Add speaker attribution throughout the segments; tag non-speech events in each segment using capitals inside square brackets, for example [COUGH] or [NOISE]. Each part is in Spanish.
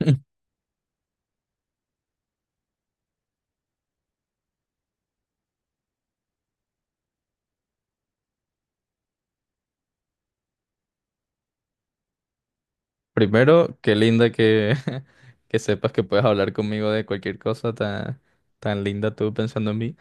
Speaker 1: [LAUGHS] Primero, qué linda [LAUGHS] que sepas que puedes hablar conmigo de cualquier cosa tan linda tú pensando en mí.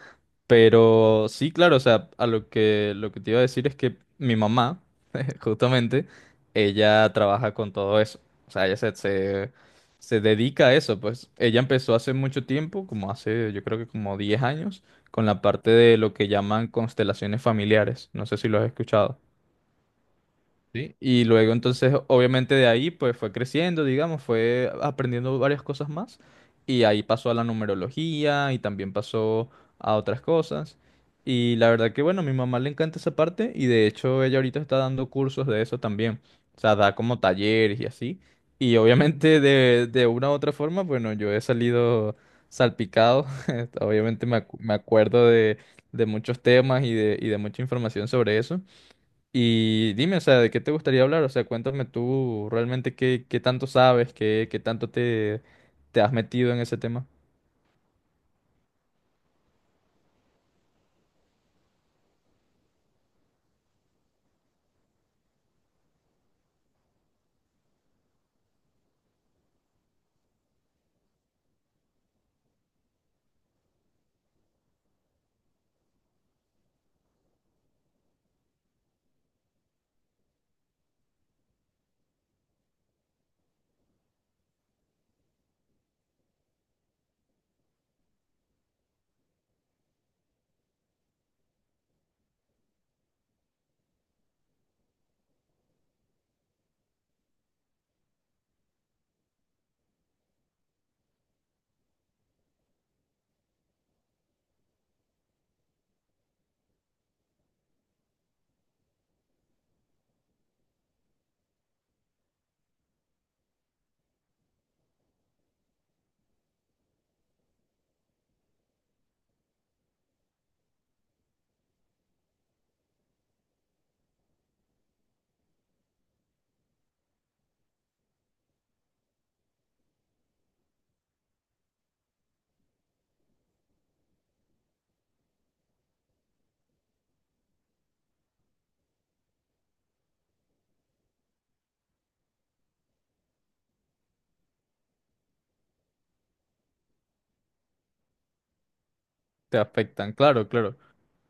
Speaker 1: Pero sí, claro, o sea, a lo que te iba a decir es que mi mamá, [LAUGHS] justamente, ella trabaja con todo eso. O sea, se dedica a eso, pues. Ella empezó hace mucho tiempo, como hace, yo creo que como 10 años, con la parte de lo que llaman constelaciones familiares. No sé si lo has escuchado. Sí, y luego entonces obviamente de ahí pues fue creciendo, digamos, fue aprendiendo varias cosas más, y ahí pasó a la numerología y también pasó a otras cosas, y la verdad que bueno, a mi mamá le encanta esa parte y de hecho ella ahorita está dando cursos de eso también, o sea, da como talleres y así, y obviamente de una u otra forma, bueno, yo he salido salpicado, [LAUGHS] obviamente me acuerdo de muchos temas y de mucha información sobre eso. Y dime, o sea, ¿de qué te gustaría hablar? O sea, cuéntame tú realmente qué tanto sabes, qué tanto te has metido en ese tema. Te afectan, claro, claro.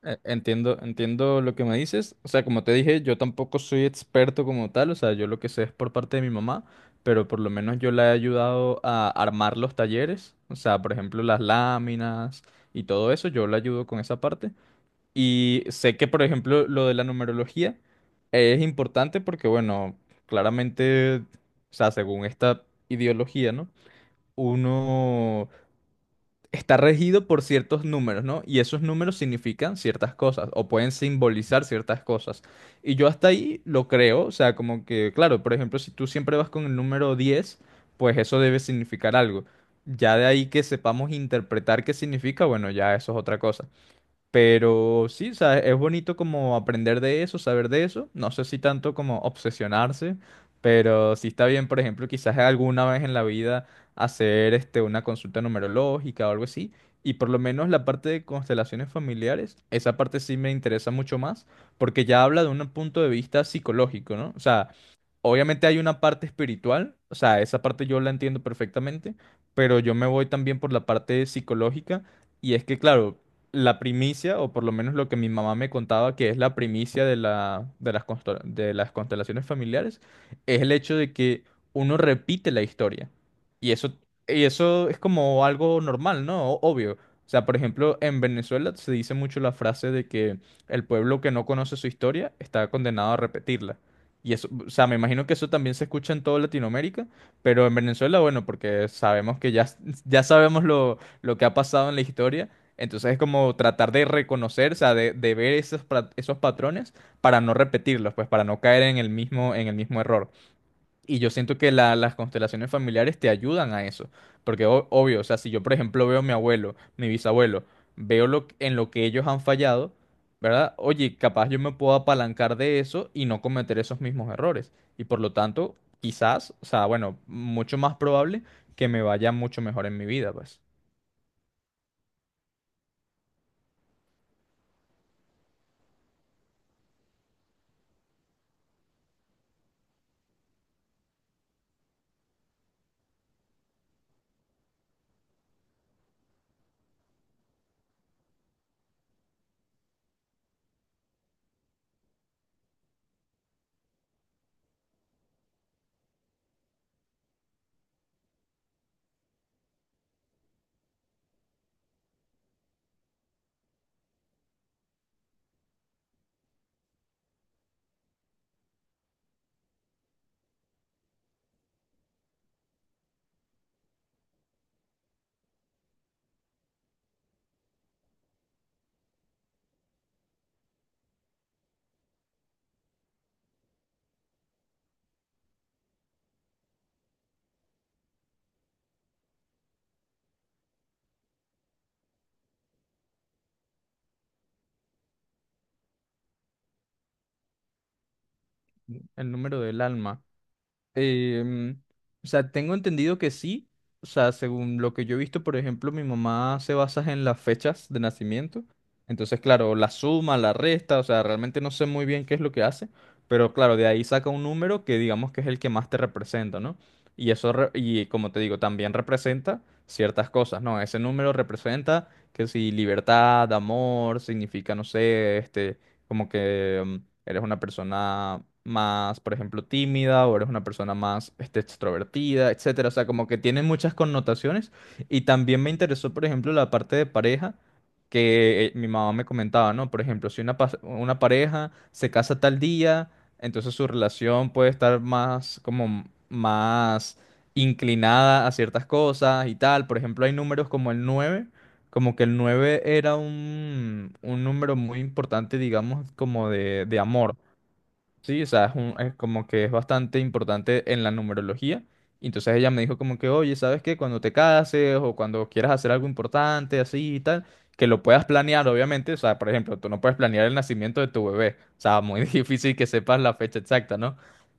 Speaker 1: Entiendo, entiendo lo que me dices. O sea, como te dije, yo tampoco soy experto como tal. O sea, yo lo que sé es por parte de mi mamá, pero por lo menos yo la he ayudado a armar los talleres. O sea, por ejemplo, las láminas y todo eso, yo la ayudo con esa parte. Y sé que, por ejemplo, lo de la numerología es importante porque, bueno, claramente, o sea, según esta ideología, ¿no? Uno está regido por ciertos números, ¿no? Y esos números significan ciertas cosas o pueden simbolizar ciertas cosas. Y yo hasta ahí lo creo, o sea, como que, claro, por ejemplo, si tú siempre vas con el número diez, pues eso debe significar algo. Ya de ahí que sepamos interpretar qué significa, bueno, ya eso es otra cosa. Pero sí, o sea, es bonito como aprender de eso, saber de eso. No sé si tanto como obsesionarse, pero sí está bien, por ejemplo, quizás alguna vez en la vida hacer una consulta numerológica o algo así. Y por lo menos la parte de constelaciones familiares, esa parte sí me interesa mucho más, porque ya habla de un punto de vista psicológico, ¿no? O sea, obviamente hay una parte espiritual, o sea, esa parte yo la entiendo perfectamente, pero yo me voy también por la parte psicológica y es que, claro, la primicia, o por lo menos lo que mi mamá me contaba que es la primicia de de las constelaciones familiares, es el hecho de que uno repite la historia. Y eso, y eso es como algo normal, ¿no? Obvio. O sea, por ejemplo, en Venezuela se dice mucho la frase de que el pueblo que no conoce su historia está condenado a repetirla. Y eso, o sea, me imagino que eso también se escucha en toda Latinoamérica, pero en Venezuela, bueno, porque sabemos que ya sabemos lo que ha pasado en la historia, entonces es como tratar de reconocer, o sea, de ver esos, esos patrones para no repetirlos, pues para no caer en el mismo error. Y yo siento que las constelaciones familiares te ayudan a eso. Porque obvio, o sea, si yo por ejemplo veo a mi abuelo, mi bisabuelo, veo en lo que ellos han fallado, ¿verdad? Oye, capaz yo me puedo apalancar de eso y no cometer esos mismos errores. Y por lo tanto, quizás, o sea, bueno, mucho más probable que me vaya mucho mejor en mi vida, pues. El número del alma. Em, o sea, tengo entendido que sí. O sea, según lo que yo he visto, por ejemplo, mi mamá se basa en las fechas de nacimiento. Entonces, claro, la suma, la resta, o sea, realmente no sé muy bien qué es lo que hace, pero claro, de ahí saca un número que digamos que es el que más te representa, ¿no? Y eso, y como te digo, también representa ciertas cosas, ¿no? Ese número representa que si libertad, amor, significa, no sé, como que eres una persona más, por ejemplo, tímida o eres una persona más extrovertida, etcétera. O sea, como que tiene muchas connotaciones. Y también me interesó, por ejemplo, la parte de pareja que mi mamá me comentaba, ¿no? Por ejemplo, si una pareja se casa tal día, entonces su relación puede estar más, como más inclinada a ciertas cosas y tal. Por ejemplo, hay números como el 9. Como que el 9 era un número muy importante, digamos, de amor. Sí, o sea, es como que es bastante importante en la numerología. Y entonces ella me dijo como que, oye, ¿sabes qué? Cuando te cases o cuando quieras hacer algo importante, así y tal, que lo puedas planear, obviamente. O sea, por ejemplo, tú no puedes planear el nacimiento de tu bebé. O sea, muy [LAUGHS] difícil que sepas la fecha exacta, ¿no?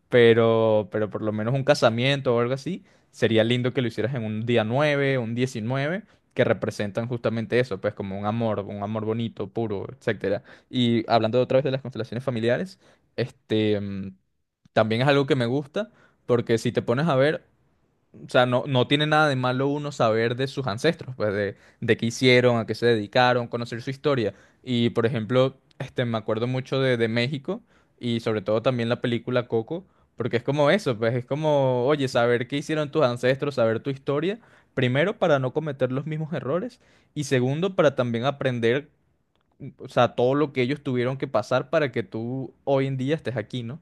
Speaker 1: Pero por lo menos un casamiento o algo así, sería lindo que lo hicieras en un día 9, un 19 que representan justamente eso, pues como un amor bonito, puro, etcétera. Y hablando otra vez de las constelaciones familiares. Este, mm, también es algo que me gusta, porque si te pones a ver, o sea, no, no tiene nada de malo uno saber de sus ancestros, pues de qué hicieron, a qué se dedicaron, conocer su historia. Y por ejemplo, me acuerdo mucho de México, y sobre todo también la película Coco, porque es como eso, pues es como, oye, saber qué hicieron tus ancestros, saber tu historia, primero para no cometer los mismos errores y segundo para también aprender, o sea, todo lo que ellos tuvieron que pasar para que tú hoy en día estés aquí, ¿no?